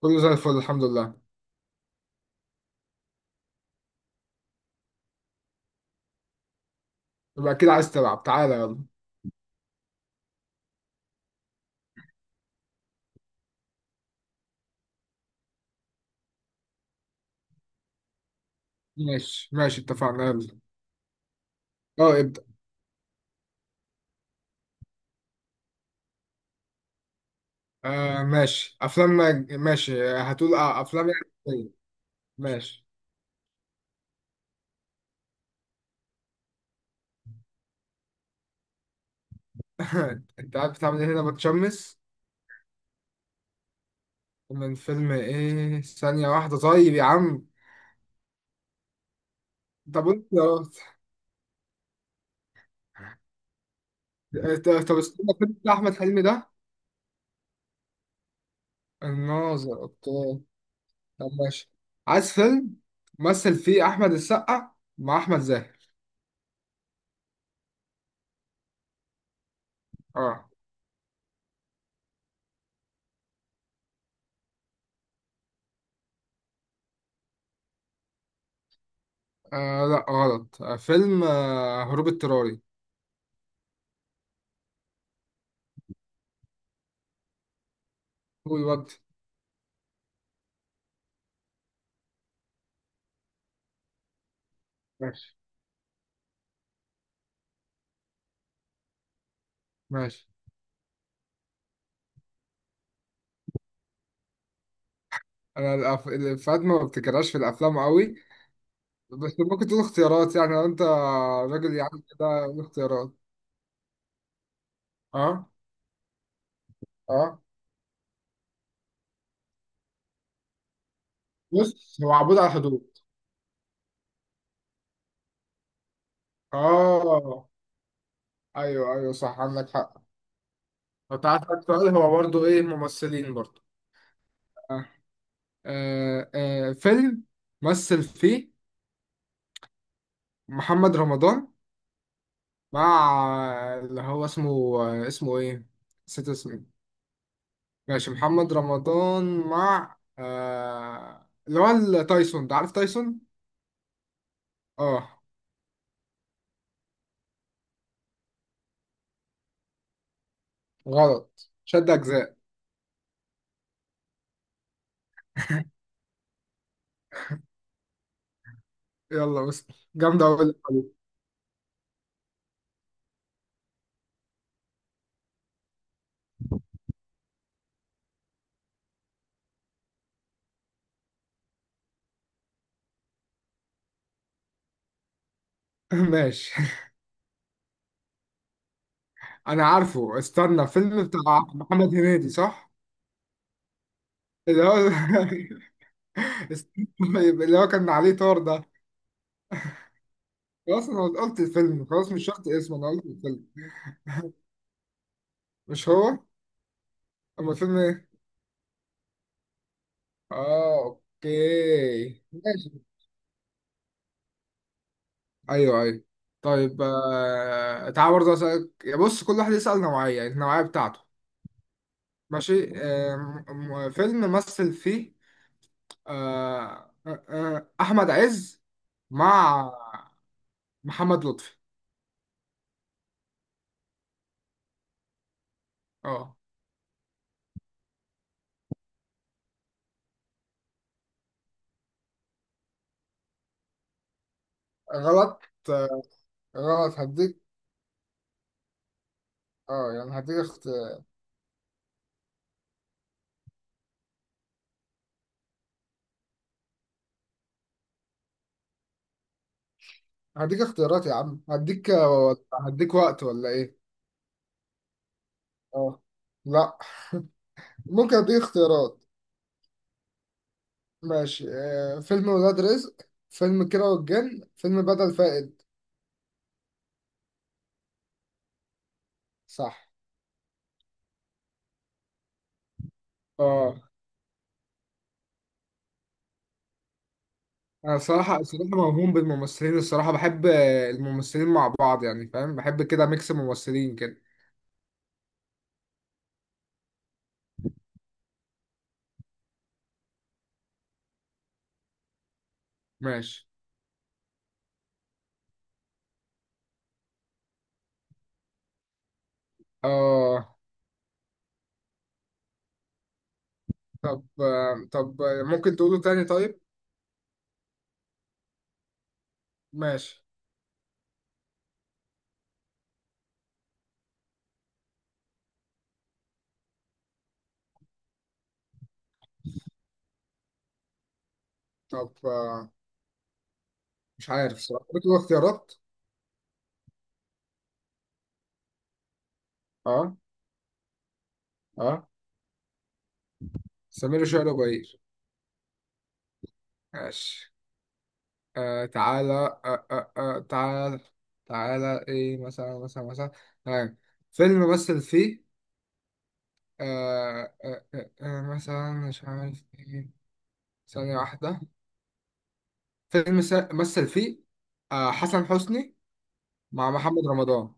كله زي الفل، الحمد لله. يبقى أكيد عايز تلعب، تعالى يلا. ماشي ماشي، اتفقنا. يلا اه ابدأ. آه ماشي، أفلام. ماشي، هتقول آه أفلام يعني. إيه؟ ماشي. أنت عارف بتعمل إيه هنا؟ بتشمس. من فيلم إيه؟ ثانية واحدة طيب يا عم. طب أنت؟ طب استنى، فيلم بتاع أحمد حلمي ده؟ الناظر، أوكي. طب ماشي. عايز فيلم مثل فيه أحمد السقا مع أحمد زاهر. اه. لا غلط، فيلم هروب اضطراري. قول وقت. ماشي ماشي. انا الافيهات ما بفتكرهاش في الافلام قوي، بس ممكن تقول اختيارات يعني، لو انت راجل يعني كده قول اختيارات. اه اه. بص، هو عبود على الحدود. اه. ايوه، صح عندك حق. لو تعرف السؤال هو برضه ايه؟ ممثلين برضه. آه. فيلم مثل فيه محمد رمضان مع اللي هو اسمه، اسمه ايه؟ نسيت اسمه. ماشي، محمد رمضان مع اللي هو تايسون، ده عارف تايسون؟ اه غلط، شد أجزاء. يلا بس، جامدة أوي اللعبة دي. ماشي أنا عارفه، استنى، فيلم بتاع محمد هنيدي صح؟ اللي هو استنى، طيب، اللي هو كان عليه طار ده. خلاص أنا قلت الفيلم، خلاص مش شرط اسمه، أنا قلت الفيلم. مش هو؟ أما الفيلم إيه؟ آه أوكي ماشي. ايوه ايوه. طيب تعال برضه اسالك. بص، كل واحد يسال نوعيه، يعني النوعيه بتاعته. ماشي فيلم مثل فيه، آه احمد عز مع محمد لطفي. اه غلط. آه غلط هديك. اه يعني هديك هديك اختيارات يا عم، هديك هديك وقت ولا ايه؟ اه لا، ممكن اديك اختيارات. ماشي، فيلم ولاد رزق، فيلم كيرة والجن، فيلم بدل فائد. صح اه. انا صراحة صراحة موهوم بالممثلين، الصراحة بحب الممثلين مع بعض، يعني فاهم بحب كده ميكس ممثلين كده. ماشي اه. طب، ممكن تقوله تاني طيب؟ ماشي. طب آه، مش عارف صراحة، بتقول اختيارات؟ اه اه. سمير وشهير وبهير. ماشي، تعالى تعالى، تعالى ايه مثلا مثلا مثلا. آه. فيلم مثل فيه مثلا، مش عارف ايه. ثانية واحدة، فيلم مثل فيه حسن حسني مع محمد رمضان.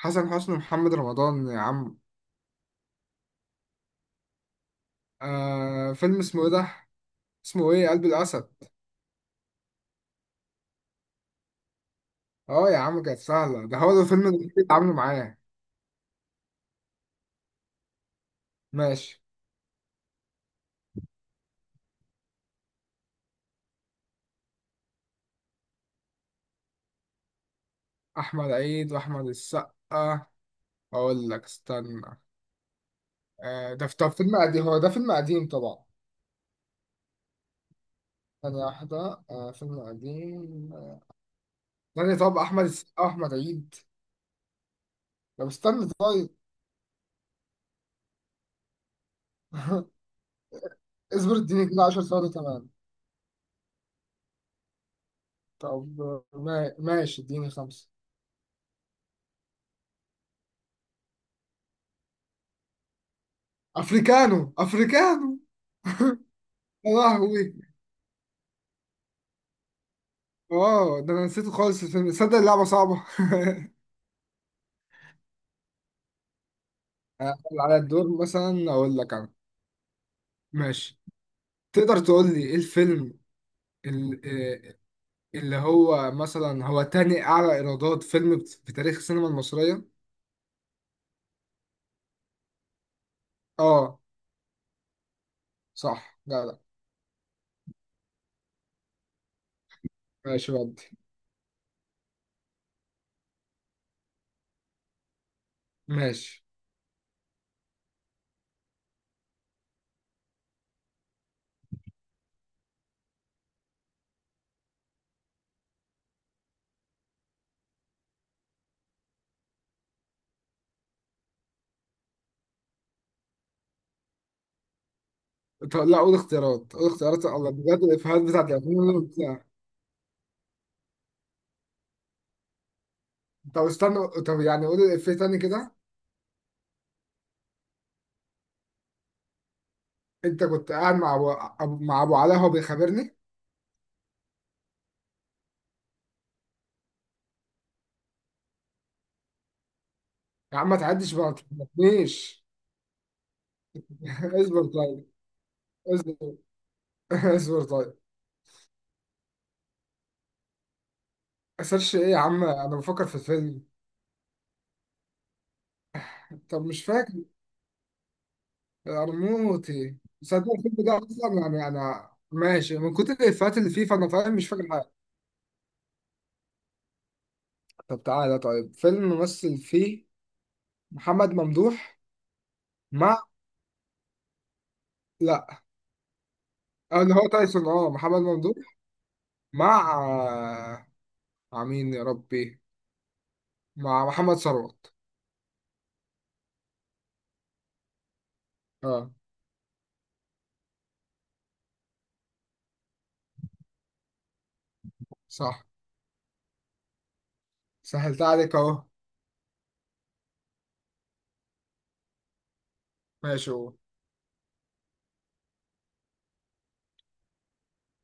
حسن حسني ومحمد رمضان يا عم. فيلم اسمه ايه ده؟ اسمه ايه؟ قلب الاسد. اه يا عم كانت سهله، ده هو الفيلم اللي كنت اتعاملوا معاه. ماشي، احمد عيد واحمد السقا. اقول لك استنى. ده في، طب فيلم قديم، هو ده فيلم قديم طبعا. ثانية واحدة، فيلم قديم. ثانية، طب أحمد السقا وأحمد عيد. طب استنى طيب. اصبر اديني كده 10 ثواني كمان. طب ماشي اديني خمسة. افريكانو افريكانو. يا لهوي. اه ده انا نسيته خالص الفيلم، تصدق اللعبة صعبة. هل على الدور مثلا اقول لك انا؟ ماشي، تقدر تقول لي ايه الفيلم، ال- آه، اللي هو مثلا هو تاني اعلى ايرادات فيلم في تاريخ السينما المصرية؟ اه صح. لا لا. ماشي ودي. ماشي. طب لا، قول اختيارات، قول اختيارات، الله بجد الافيهات بتاعت الافلام اللي طب استنى، طب يعني قول الافيه تاني كده. انت كنت قاعد مع مع ابو علاء وهو بيخابرني. يا عم ما تعديش بقى، ما تخبطنيش. اصبر طيب. اصبر. اصبر طيب. اسيرش ايه يا عم، انا بفكر في الفيلم. طب مش فاكر ارموتي، صدق الفيلم ده اصلا، يعني انا ماشي من كتر الافيهات اللي فيه، فانا فاهم، مش فاكر حاجه. طب تعالى طيب، فيلم ممثل فيه محمد ممدوح مع. لا، اللي هو تايسون اه محمد ممدوح. مع مين يا ربي، مع محمد ثروت. اه صح، سهلتها عليك اهو. ماشي هو.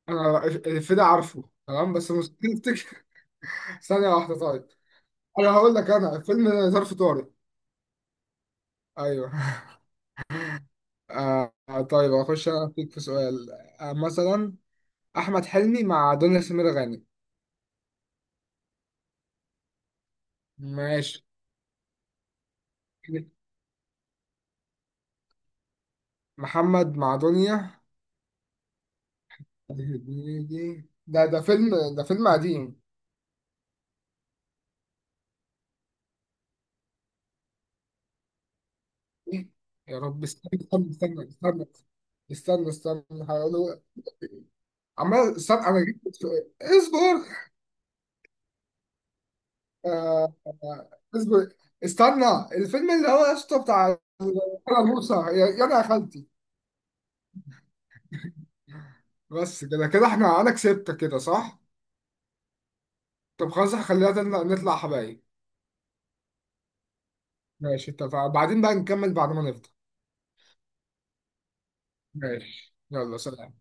انا الفيلم ده عارفه تمام، بس مستحيل افتكر. ثانية واحدة طيب. انا هقول لك، انا فيلم ظرف طارق. ايوه. طيب اخش انا فيك في سؤال. مثلا احمد حلمي مع دنيا سمير غانم. ماشي، محمد مع دنيا. ده فيلم، ده فيلم قديم. إيه؟ يا رب استنى استنى استنى استنى استنى استنى هقوله. عمال استنى، انا جبت السؤال. اصبر. آه، آه، اصبر استنى. الفيلم اللي هو يا اسطى بتاع موسى، يا انا يا خالتي. بس كده كده احنا، انا كسبت كده صح؟ طب خلاص، خلينا نطلع نطلع حبايب. ماشي اتفقنا، بعدين بقى نكمل بعد ما نفضى. ماشي يلا سلام.